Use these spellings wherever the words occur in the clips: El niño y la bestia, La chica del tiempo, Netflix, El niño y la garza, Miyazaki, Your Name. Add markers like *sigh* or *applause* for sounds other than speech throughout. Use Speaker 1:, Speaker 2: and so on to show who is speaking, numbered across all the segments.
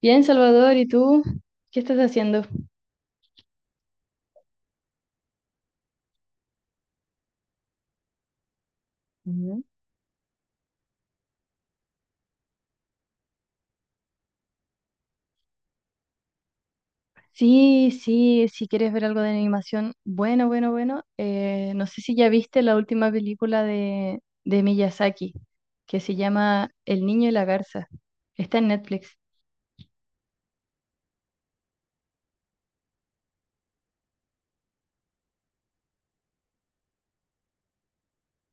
Speaker 1: Bien, Salvador, ¿y tú? ¿Qué estás haciendo? Ujú. Sí, sí, si quieres ver algo de animación, bueno, bueno, bueno. No sé si ya viste la última película de Miyazaki, que se llama El niño y la garza. Está en Netflix.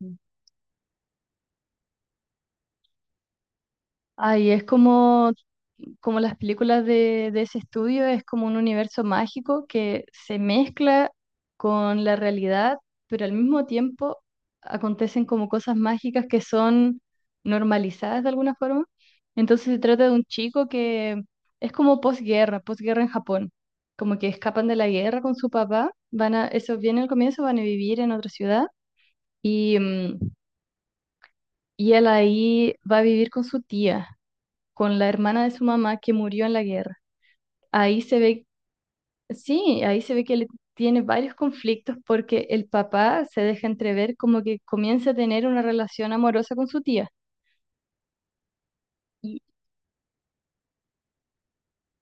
Speaker 1: Mm. Ay, es como como las películas de ese estudio, es como un universo mágico que se mezcla con la realidad, pero al mismo tiempo acontecen como cosas mágicas que son normalizadas de alguna forma. Entonces se trata de un chico que es como posguerra, posguerra en Japón, como que escapan de la guerra con su papá, van a, eso viene al comienzo, van a vivir en otra ciudad y, y él ahí va a vivir con su tía, con la hermana de su mamá que murió en la guerra. Ahí se ve, sí, ahí se ve que él tiene varios conflictos porque el papá se deja entrever como que comienza a tener una relación amorosa con su tía. Y-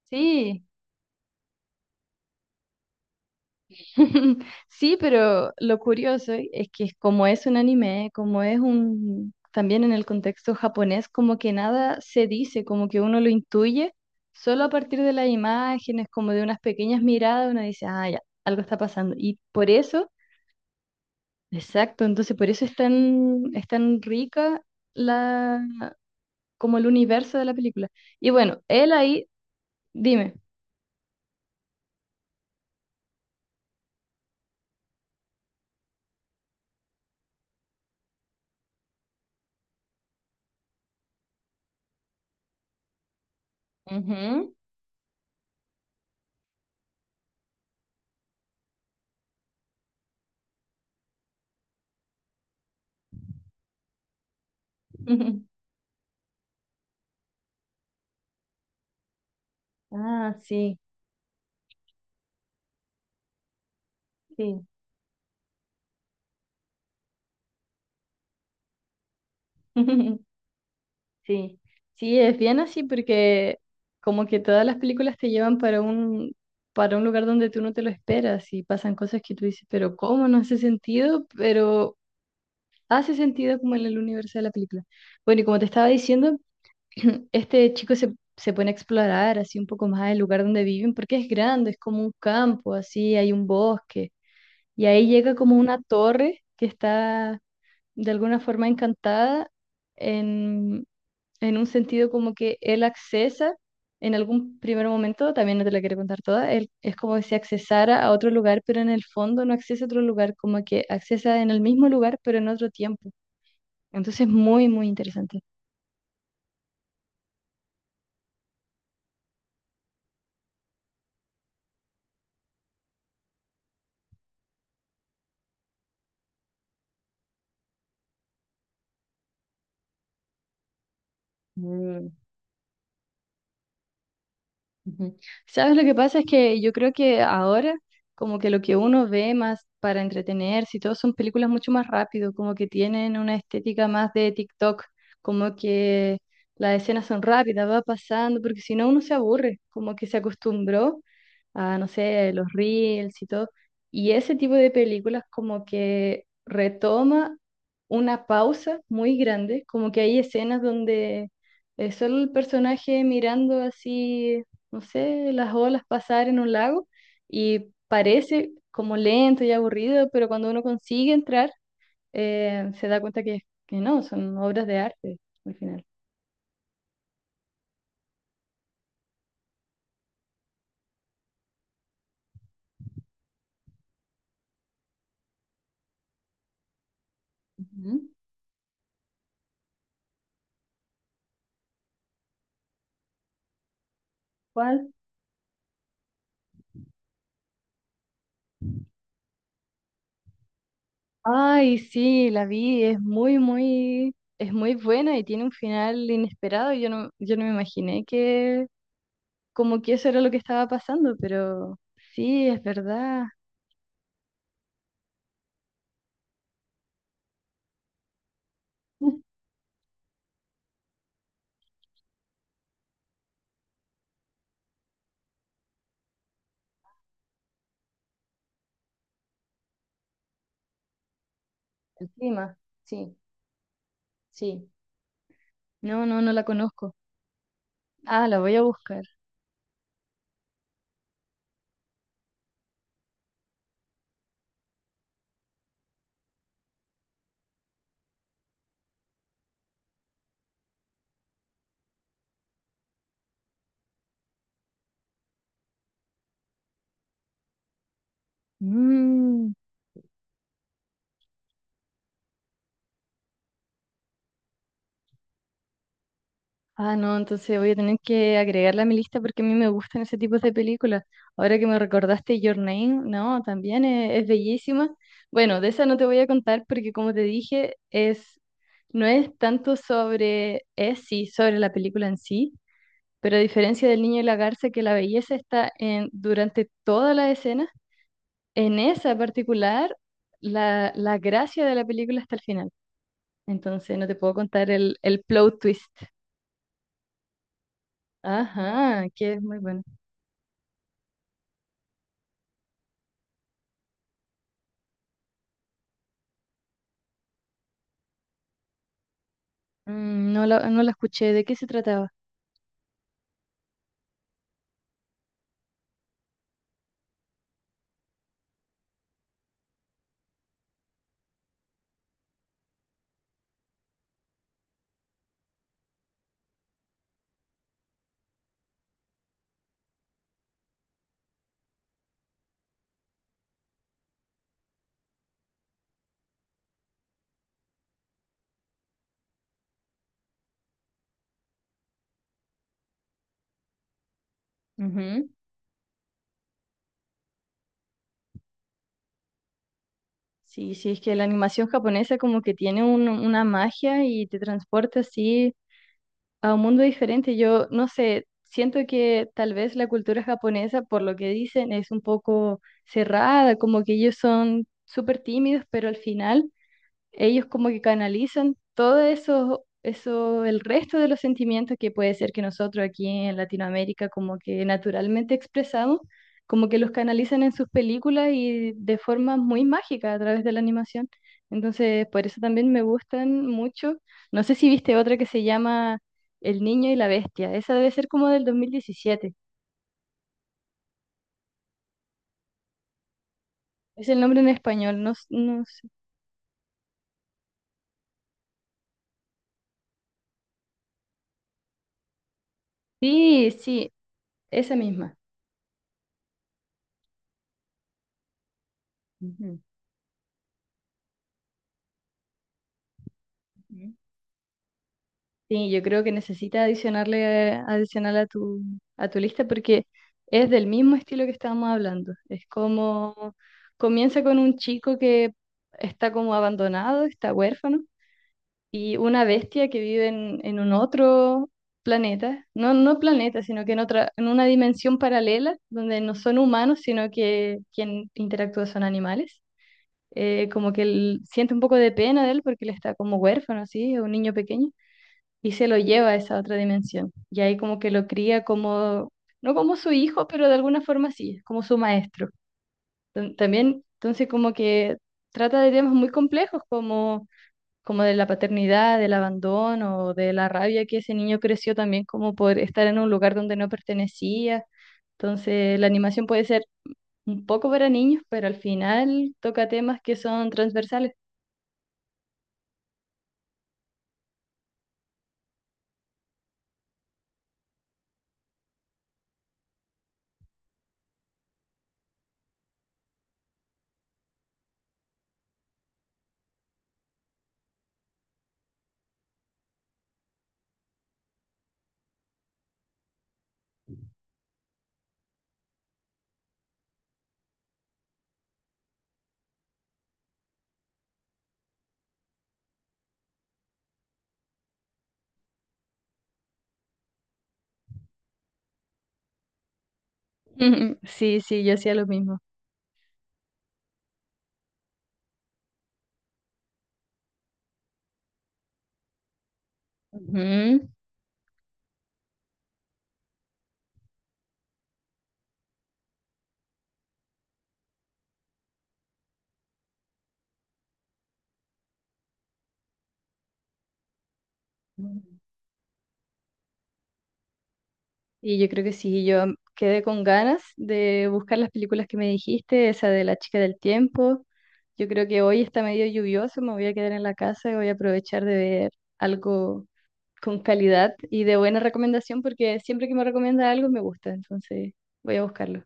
Speaker 1: Sí, *laughs* sí, pero lo curioso es que como es un anime, como es un, también en el contexto japonés, como que nada se dice, como que uno lo intuye, solo a partir de las imágenes, como de unas pequeñas miradas, uno dice, ah, ya, algo está pasando. Y por eso... Exacto, entonces por eso es tan rica la, como el universo de la película. Y bueno, él ahí, dime. Ujú. *laughs* Ah, sí, sí. *laughs* Sí, sí, es bien así porque como que todas las películas te llevan para un lugar donde tú no te lo esperas y pasan cosas que tú dices, pero ¿cómo? No hace sentido, pero hace sentido como en el universo de la película. Bueno, y como te estaba diciendo, *clears throat* este chico se, se pone a explorar así un poco más el lugar donde viven, porque es grande, es como un campo, así hay un bosque, y ahí llega como una torre que está de alguna forma encantada en, en un sentido como que él accesa en algún primer momento, también no te la quiero contar toda, él, es como si accesara a otro lugar, pero en el fondo no accesa a otro lugar, como que accesa en el mismo lugar, pero en otro tiempo. Entonces, muy, muy interesante. ¿Sabes? Lo que pasa es que yo creo que ahora como que lo que uno ve más para entretenerse y todo son películas mucho más rápido, como que tienen una estética más de TikTok, como que las escenas son rápidas, va pasando, porque si no uno se aburre, como que se acostumbró a, no sé, los reels y todo. Y ese tipo de películas como que retoma una pausa muy grande, como que hay escenas donde... Es solo el personaje mirando así no sé, las olas pasar en un lago y parece como lento y aburrido, pero cuando uno consigue entrar, se da cuenta que no, son obras de arte al final. Ujú. ¿Cuál? Ay, sí, la vi, es muy, muy, es muy buena y tiene un final inesperado. Yo no, yo no me imaginé que como que eso era lo que estaba pasando, pero sí, es verdad. *laughs* El clima, sí, sí. No, no, no la conozco. Ah, la voy a buscar. Mm. Ah, no, entonces voy a tener que agregarla a mi lista porque a mí me gustan ese tipo de películas. Ahora que me recordaste Your Name, no, también es bellísima. Bueno, de esa no te voy a contar porque como te dije, es, no es tanto sobre, es sí, sobre la película en sí, pero a diferencia del niño y la garza, que la belleza está en, durante toda la escena, en esa particular, la gracia de la película está al final. Entonces no te puedo contar el plot twist. Ajá, que es muy bueno. Mm, no la, no la escuché, ¿de qué se trataba? Ujú. Sí, sí, es que la animación japonesa como que tiene un- una magia y te transporta así a un mundo diferente. Yo no sé, siento que tal vez la cultura japonesa, por lo que dicen, es un poco cerrada, como que ellos son súper tímidos, pero al final ellos como que canalizan todo eso, eso, el resto de los sentimientos que puede ser que nosotros aquí en Latinoamérica como que naturalmente expresamos, como que los canalizan en sus películas y de forma muy mágica a través de la animación. Entonces, por eso también me gustan mucho. No sé si viste otra que se llama El niño y la bestia. Esa debe ser como del 2017. Es el nombre en español. No, no sé. Sí, sí, esa misma. Ujú. Sí, yo creo que necesitas adicionarle, adicional a tu lista porque es del mismo estilo que estábamos hablando. Es como comienza con un chico que está como abandonado, está huérfano, y una bestia que vive en un otro planeta, no, no planeta, sino que en otra, en una dimensión paralela donde no son humanos, sino que quien interactúa son animales. Como que él siente un poco de pena de él porque él está como huérfano, así, es un niño pequeño y se lo lleva a esa otra dimensión. Y ahí como que lo cría como, no como su hijo, pero de alguna forma sí, como su maestro. También, entonces como que trata de temas muy complejos como, como de la paternidad, del abandono, de la rabia que ese niño creció también como por estar en un lugar donde no pertenecía. Entonces la animación puede ser un poco para niños, pero al final toca temas que son transversales. *laughs* Sí, sí, yo hacía lo mismo. Ujú. Y yo creo que sí, yo quedé con ganas de buscar las películas que me dijiste, esa de La chica del tiempo. Yo creo que hoy está medio lluvioso, me voy a quedar en la casa y voy a aprovechar de ver algo con calidad y de buena recomendación, porque siempre que me recomienda algo me gusta, entonces voy a buscarlo.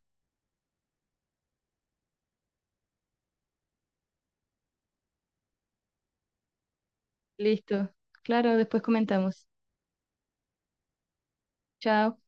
Speaker 1: Listo. Claro, después comentamos. Chao.